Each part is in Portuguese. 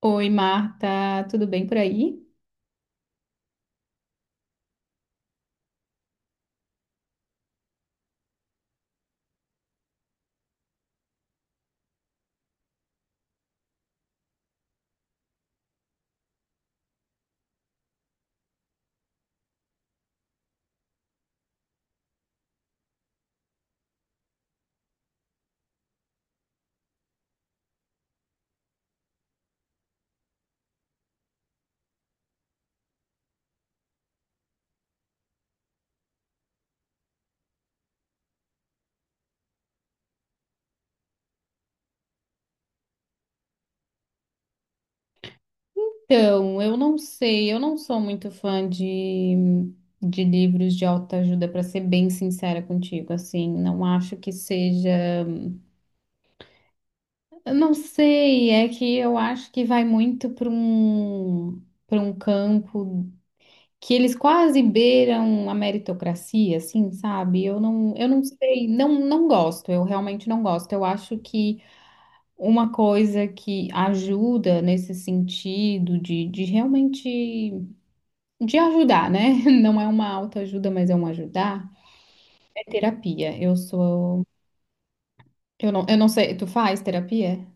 Oi, Marta, tudo bem por aí? Então, eu não sei, eu não sou muito fã de livros de autoajuda, para ser bem sincera contigo, assim, não acho que seja. Eu não sei, é que eu acho que vai muito para um campo que eles quase beiram a meritocracia, assim, sabe? Eu não sei, não, não gosto, eu realmente não gosto. Eu acho que uma coisa que ajuda nesse sentido de realmente de ajudar, né? Não é uma autoajuda, mas é um ajudar, é terapia. Eu não sei, tu faz terapia?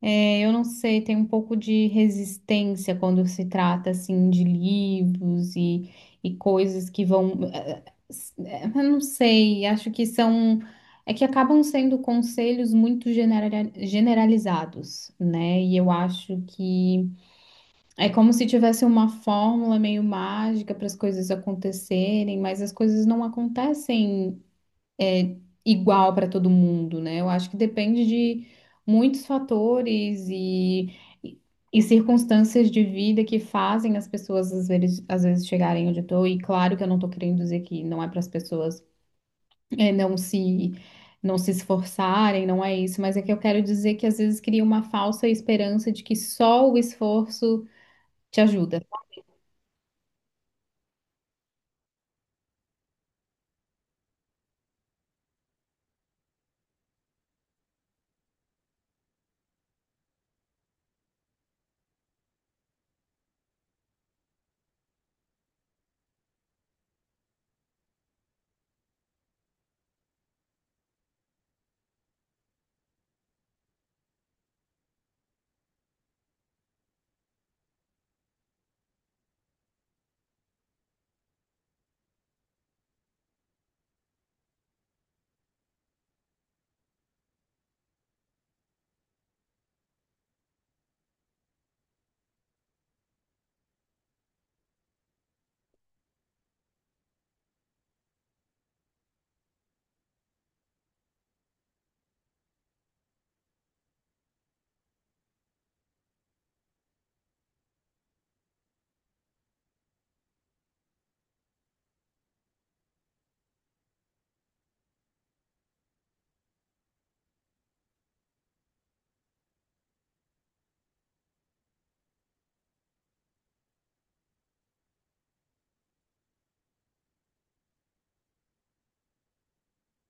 É, eu não sei, tem um pouco de resistência quando se trata assim de livros e coisas que vão, eu não sei, acho que são é que acabam sendo conselhos muito generalizados, né? E eu acho que é como se tivesse uma fórmula meio mágica para as coisas acontecerem, mas as coisas não acontecem igual para todo mundo, né? Eu acho que depende de muitos fatores e, e circunstâncias de vida que fazem as pessoas às vezes chegarem onde eu estou. E claro que eu não estou querendo dizer que não é para as pessoas é, não se não se esforçarem, não é isso, mas é que eu quero dizer que às vezes cria uma falsa esperança de que só o esforço te ajuda.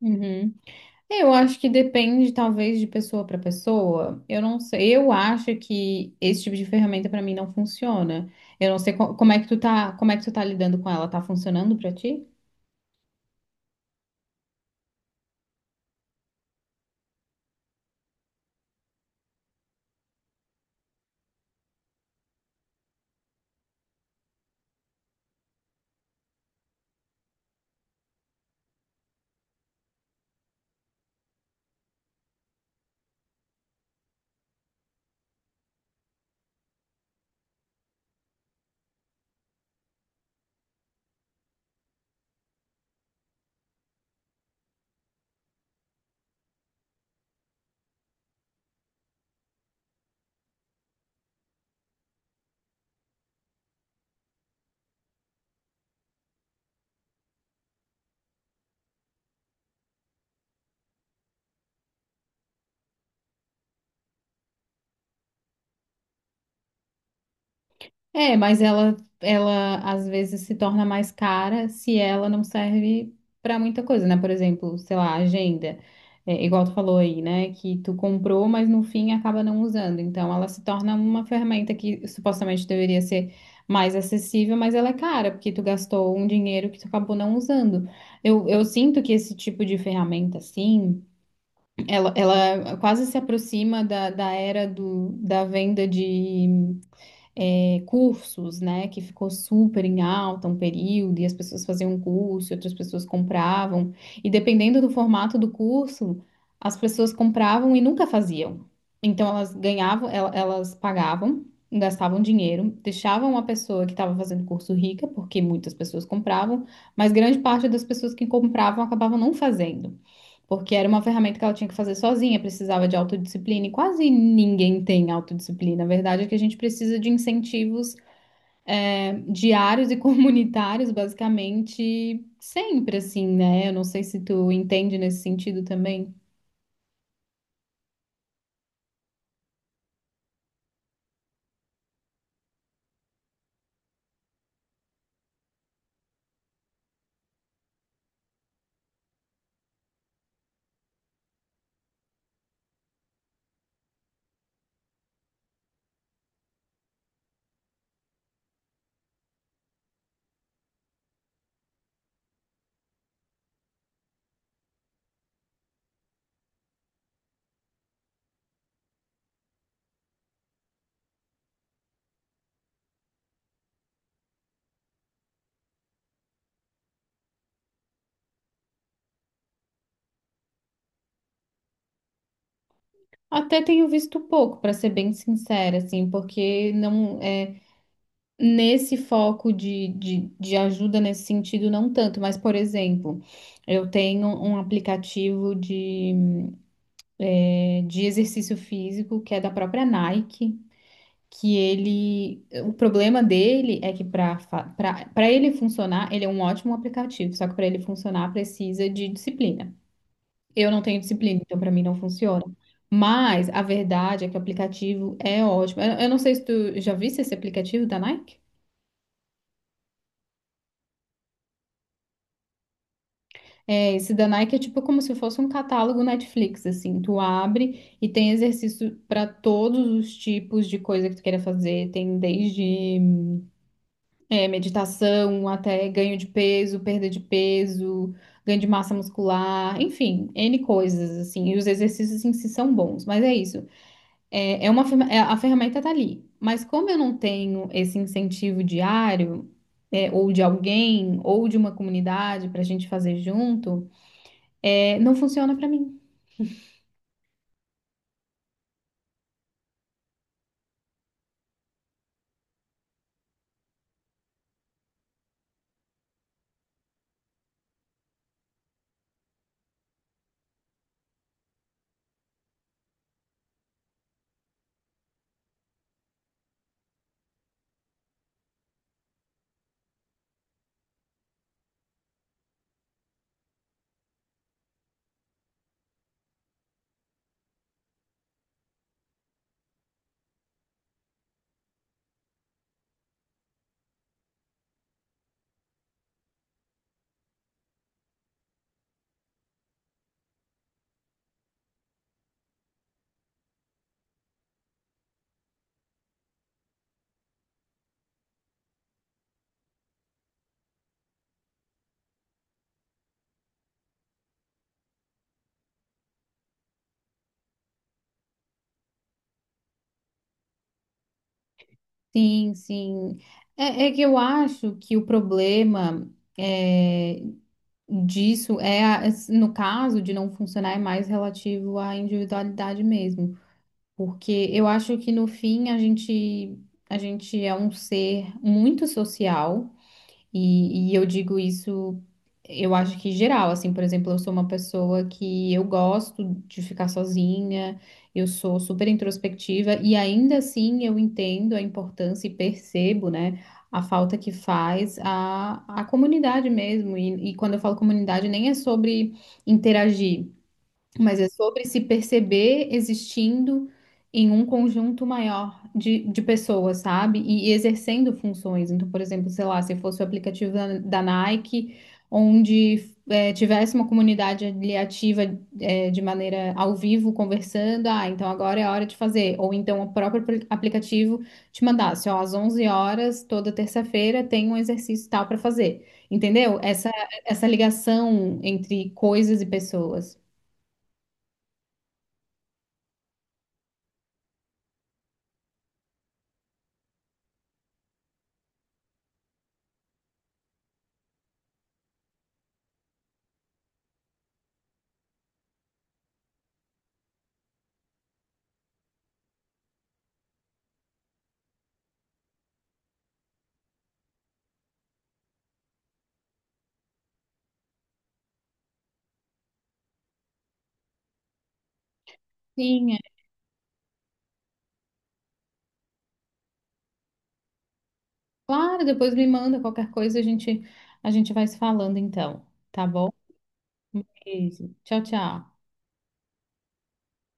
Uhum. Eu acho que depende, talvez, de pessoa para pessoa. Eu não sei. Eu acho que esse tipo de ferramenta para mim não funciona. Eu não sei como é que tu tá, como é que tu tá lidando com ela. Tá funcionando para ti? É, mas ela às vezes se torna mais cara se ela não serve para muita coisa, né? Por exemplo, sei lá, agenda. É, igual tu falou aí, né? Que tu comprou, mas no fim acaba não usando. Então ela se torna uma ferramenta que supostamente deveria ser mais acessível, mas ela é cara, porque tu gastou um dinheiro que tu acabou não usando. Eu sinto que esse tipo de ferramenta, assim, ela quase se aproxima da era da venda de cursos, né, que ficou super em alta um período, e as pessoas faziam um curso, e outras pessoas compravam, e dependendo do formato do curso, as pessoas compravam e nunca faziam. Então elas ganhavam, elas pagavam, gastavam dinheiro, deixavam a pessoa que estava fazendo curso rica, porque muitas pessoas compravam, mas grande parte das pessoas que compravam acabavam não fazendo. Porque era uma ferramenta que ela tinha que fazer sozinha, precisava de autodisciplina, e quase ninguém tem autodisciplina. A verdade é que a gente precisa de incentivos diários e comunitários, basicamente, sempre assim, né? Eu não sei se tu entende nesse sentido também. Até tenho visto pouco, para ser bem sincera, assim, porque não é nesse foco de ajuda nesse sentido, não tanto, mas, por exemplo, eu tenho um aplicativo de exercício físico, que é da própria Nike, que ele, o problema dele é que para ele funcionar, ele é um ótimo aplicativo, só que para ele funcionar precisa de disciplina. Eu não tenho disciplina, então para mim não funciona. Mas a verdade é que o aplicativo é ótimo. Eu não sei se tu já viste esse aplicativo da Nike? É, esse da Nike é tipo como se fosse um catálogo Netflix, assim, tu abre e tem exercício para todos os tipos de coisa que tu queira fazer, tem desde meditação, até ganho de peso, perda de peso, ganho de massa muscular, enfim, N coisas, assim. E os exercícios em si são bons, mas é isso. A ferramenta tá ali. Mas como eu não tenho esse incentivo diário, ou de alguém, ou de uma comunidade pra gente fazer junto, não funciona pra mim. Sim, sim. É que eu acho que o problema é, disso é, no caso de não funcionar, é mais relativo à individualidade mesmo. Porque eu acho que no fim a gente é um ser muito social. E eu digo isso, eu acho que geral, assim, por exemplo, eu sou uma pessoa que eu gosto de ficar sozinha, eu sou super introspectiva e ainda assim eu entendo a importância e percebo, né, a falta que faz a comunidade mesmo. E quando eu falo comunidade, nem é sobre interagir mas é sobre se perceber existindo em um conjunto maior de pessoas, sabe? E exercendo funções. Então, por exemplo, sei lá, se fosse o aplicativo da Nike, onde tivesse uma comunidade ali ativa de maneira ao vivo conversando, ah, então agora é a hora de fazer. Ou então o próprio aplicativo te mandasse, ó, às 11 horas, toda terça-feira, tem um exercício tal para fazer. Entendeu? Essa ligação entre coisas e pessoas. Sim, claro, depois me manda qualquer coisa, a gente vai se falando então, tá bom? Um beijo. Tchau, tchau.